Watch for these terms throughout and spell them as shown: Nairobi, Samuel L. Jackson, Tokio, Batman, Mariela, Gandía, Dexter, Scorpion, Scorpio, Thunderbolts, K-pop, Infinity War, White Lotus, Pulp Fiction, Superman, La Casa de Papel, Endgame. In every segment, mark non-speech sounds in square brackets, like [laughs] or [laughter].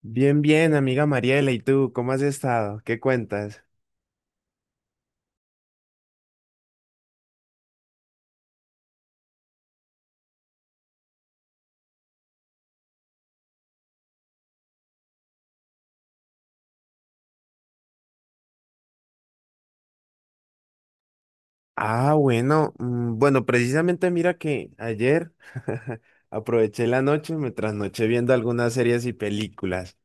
Bien, bien, amiga Mariela, ¿y tú cómo has estado? ¿Qué cuentas? Ah, bueno, mm, bueno, precisamente mira que ayer [laughs] aproveché la noche, me trasnoché viendo algunas series y películas.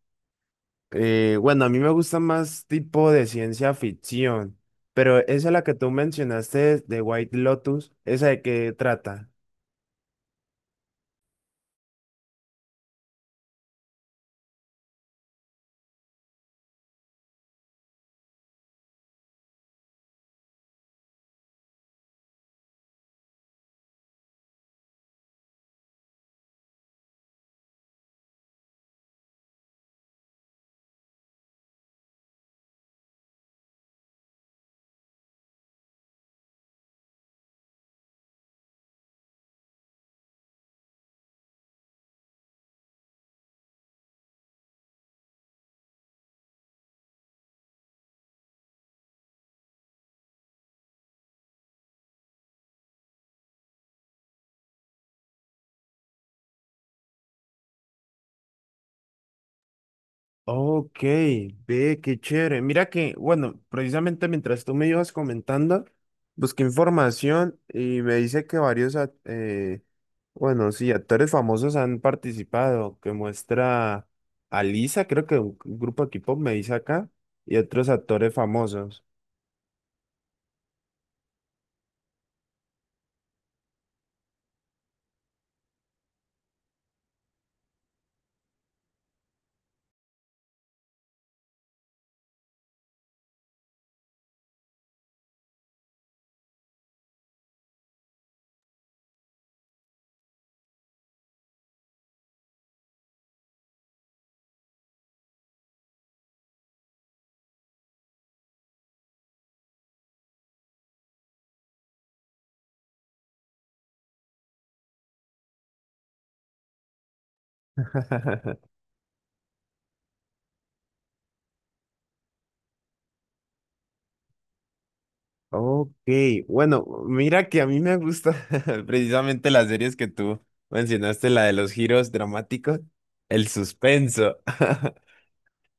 Bueno, a mí me gusta más tipo de ciencia ficción, pero esa la que tú mencionaste de White Lotus, ¿esa de qué trata? Ok, ve, qué chévere. Mira que, bueno, precisamente mientras tú me ibas comentando, busqué información y me dice que bueno, sí, actores famosos han participado, que muestra a Lisa, creo que un grupo de K-pop me dice acá, y otros actores famosos. [laughs] Ok, bueno, mira que a mí me gusta [laughs] precisamente las series que tú mencionaste, la de los giros dramáticos, el suspenso. [laughs]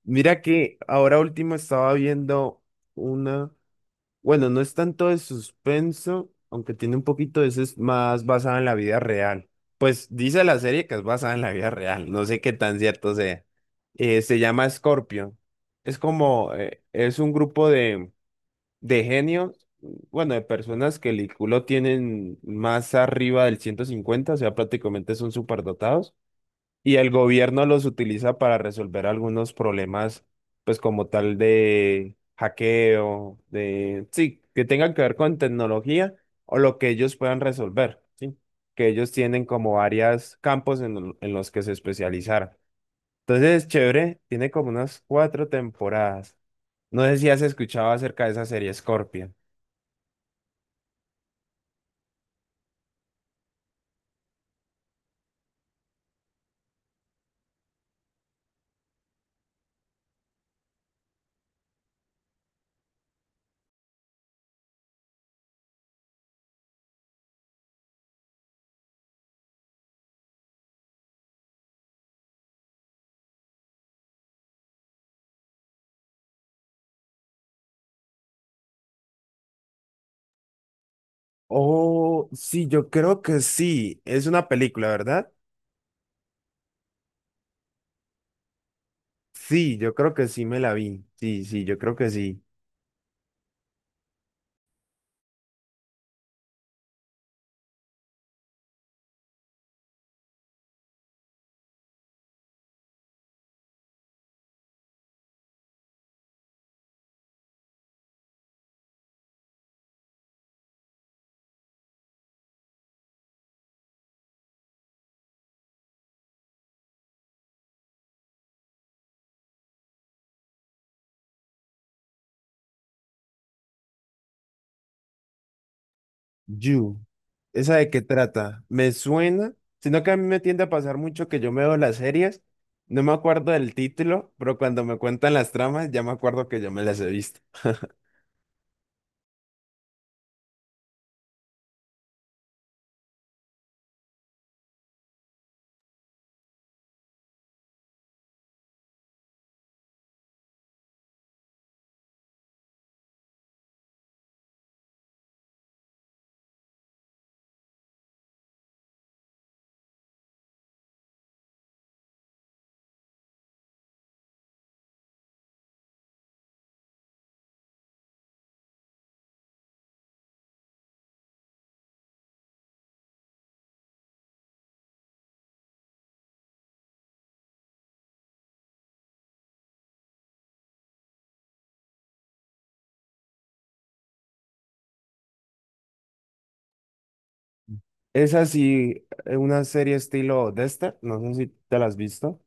Mira que ahora último estaba viendo una, bueno, no es tanto de suspenso, aunque tiene un poquito de eso, es más basada en la vida real. Pues dice la serie que es basada en la vida real, no sé qué tan cierto sea. Se llama Scorpio. Es como, es un grupo de genios, bueno, de personas que el IQ lo tienen más arriba del 150, o sea, prácticamente son superdotados y el gobierno los utiliza para resolver algunos problemas, pues como tal de hackeo, de, sí, que tengan que ver con tecnología o lo que ellos puedan resolver, ¿sí? Que ellos tienen como varios campos en, en los que se especializaron. Entonces, chévere, tiene como unas 4 temporadas. No sé si has escuchado acerca de esa serie Scorpion. Oh, sí, yo creo que sí. Es una película, ¿verdad? Sí, yo creo que sí me la vi. Sí, sí, yo creo que sí. You. ¿Esa de qué trata? Me suena, sino que a mí me tiende a pasar mucho que yo me veo las series, no me acuerdo del título, pero cuando me cuentan las tramas ya me acuerdo que yo me las he visto. Es así, una serie estilo Dexter, no sé si te la has visto.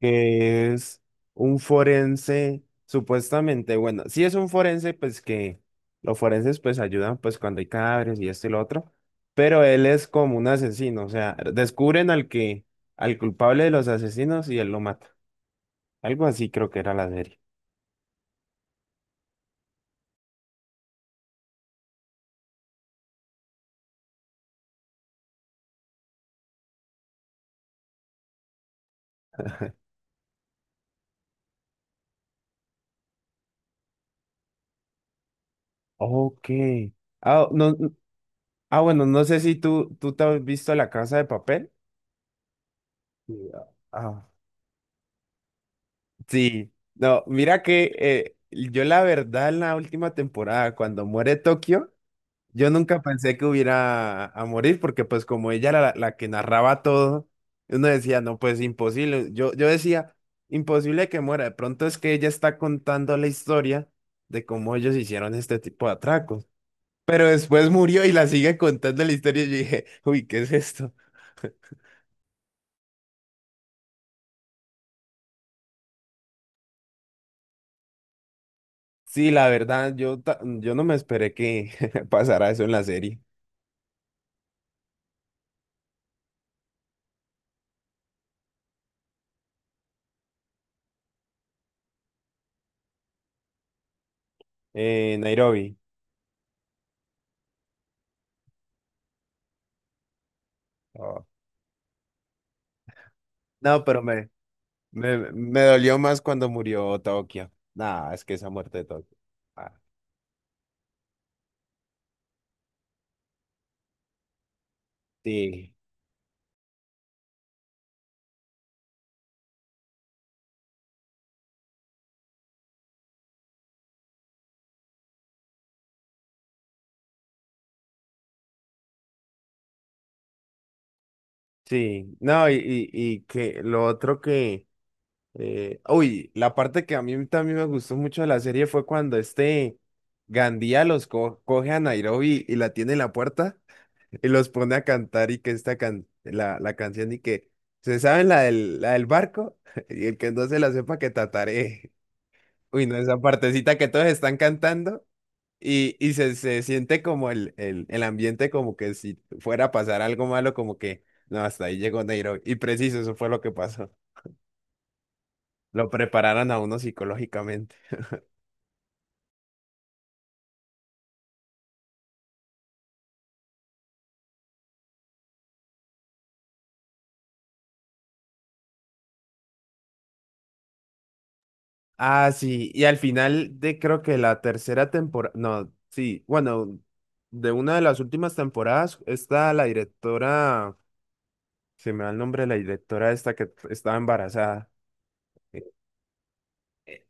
Que es un forense, supuestamente, bueno, si es un forense, pues que los forenses pues ayudan pues cuando hay cadáveres y esto y lo otro, pero él es como un asesino, o sea, descubren al que, al culpable de los asesinos y él lo mata. Algo así creo que era la serie. [laughs] Ok. Ah, no, no- bueno, no sé si tú te has visto La Casa de Papel. Sí, ah, ah, sí, no, mira que yo la verdad en la última temporada, cuando muere Tokio, yo nunca pensé que hubiera a morir porque pues como ella era la que narraba todo, uno decía, no, pues imposible. Yo decía, imposible que muera. De pronto es que ella está contando la historia de cómo ellos hicieron este tipo de atracos. Pero después murió y la sigue contando la historia y yo dije, [laughs] uy, ¿qué es esto? [laughs] Sí, la verdad, yo no me esperé que [laughs] pasara eso en la serie, en Nairobi. Oh. No, pero me dolió más cuando murió Tokio. Nah, es que esa muerte de Tokio. Ah, sí, sí. No, y que lo otro que. Uy, la parte que a mí también me gustó mucho de la serie fue cuando este Gandía los coge a Nairobi y la tiene en la puerta y los pone a cantar y que esta can la canción y que. ¿Se saben la del barco? [laughs] Y el que no se la sepa que tataré. Uy, no, esa partecita que todos están cantando. Se, se siente como el ambiente como que si fuera a pasar algo malo, como que no, hasta ahí llegó Nairobi. Y preciso, eso fue lo que pasó. Lo prepararon a uno psicológicamente. Ah, sí, y al final de creo que la tercera temporada, no, sí, bueno, de una de las últimas temporadas está la directora, se me va el nombre de la directora esta que estaba embarazada. Eh,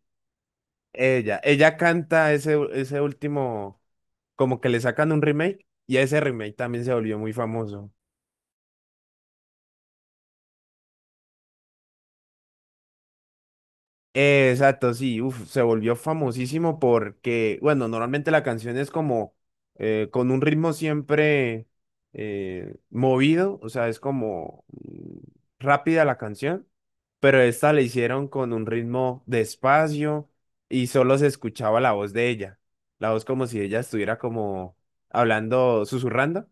Ella canta ese último, como que le sacan un remake y ese remake también se volvió muy famoso. Exacto, sí, uf, se volvió famosísimo porque, bueno, normalmente la canción es como con un ritmo siempre movido, o sea, es como mm, rápida la canción, pero esta la hicieron con un ritmo despacio y solo se escuchaba la voz de ella, la voz como si ella estuviera como hablando, susurrando.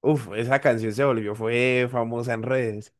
Uf, esa canción se volvió, fue famosa en redes.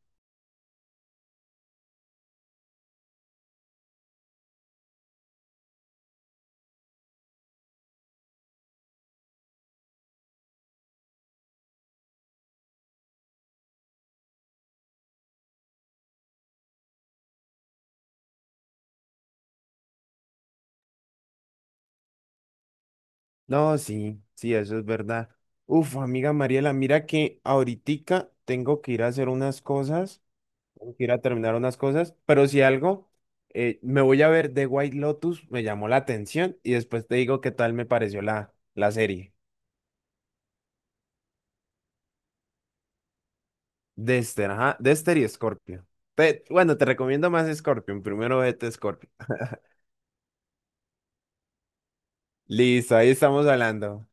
No, sí, sí, eso es verdad. Uf, amiga Mariela, mira que ahoritica tengo que ir a hacer unas cosas, tengo que ir a terminar unas cosas, pero si algo, me voy a ver The White Lotus, me llamó la atención y después te digo qué tal me pareció la serie. Dexter, ajá, Dexter y Scorpion. Bueno, te recomiendo más Scorpion, primero vete Scorpion. Listo, ahí estamos hablando.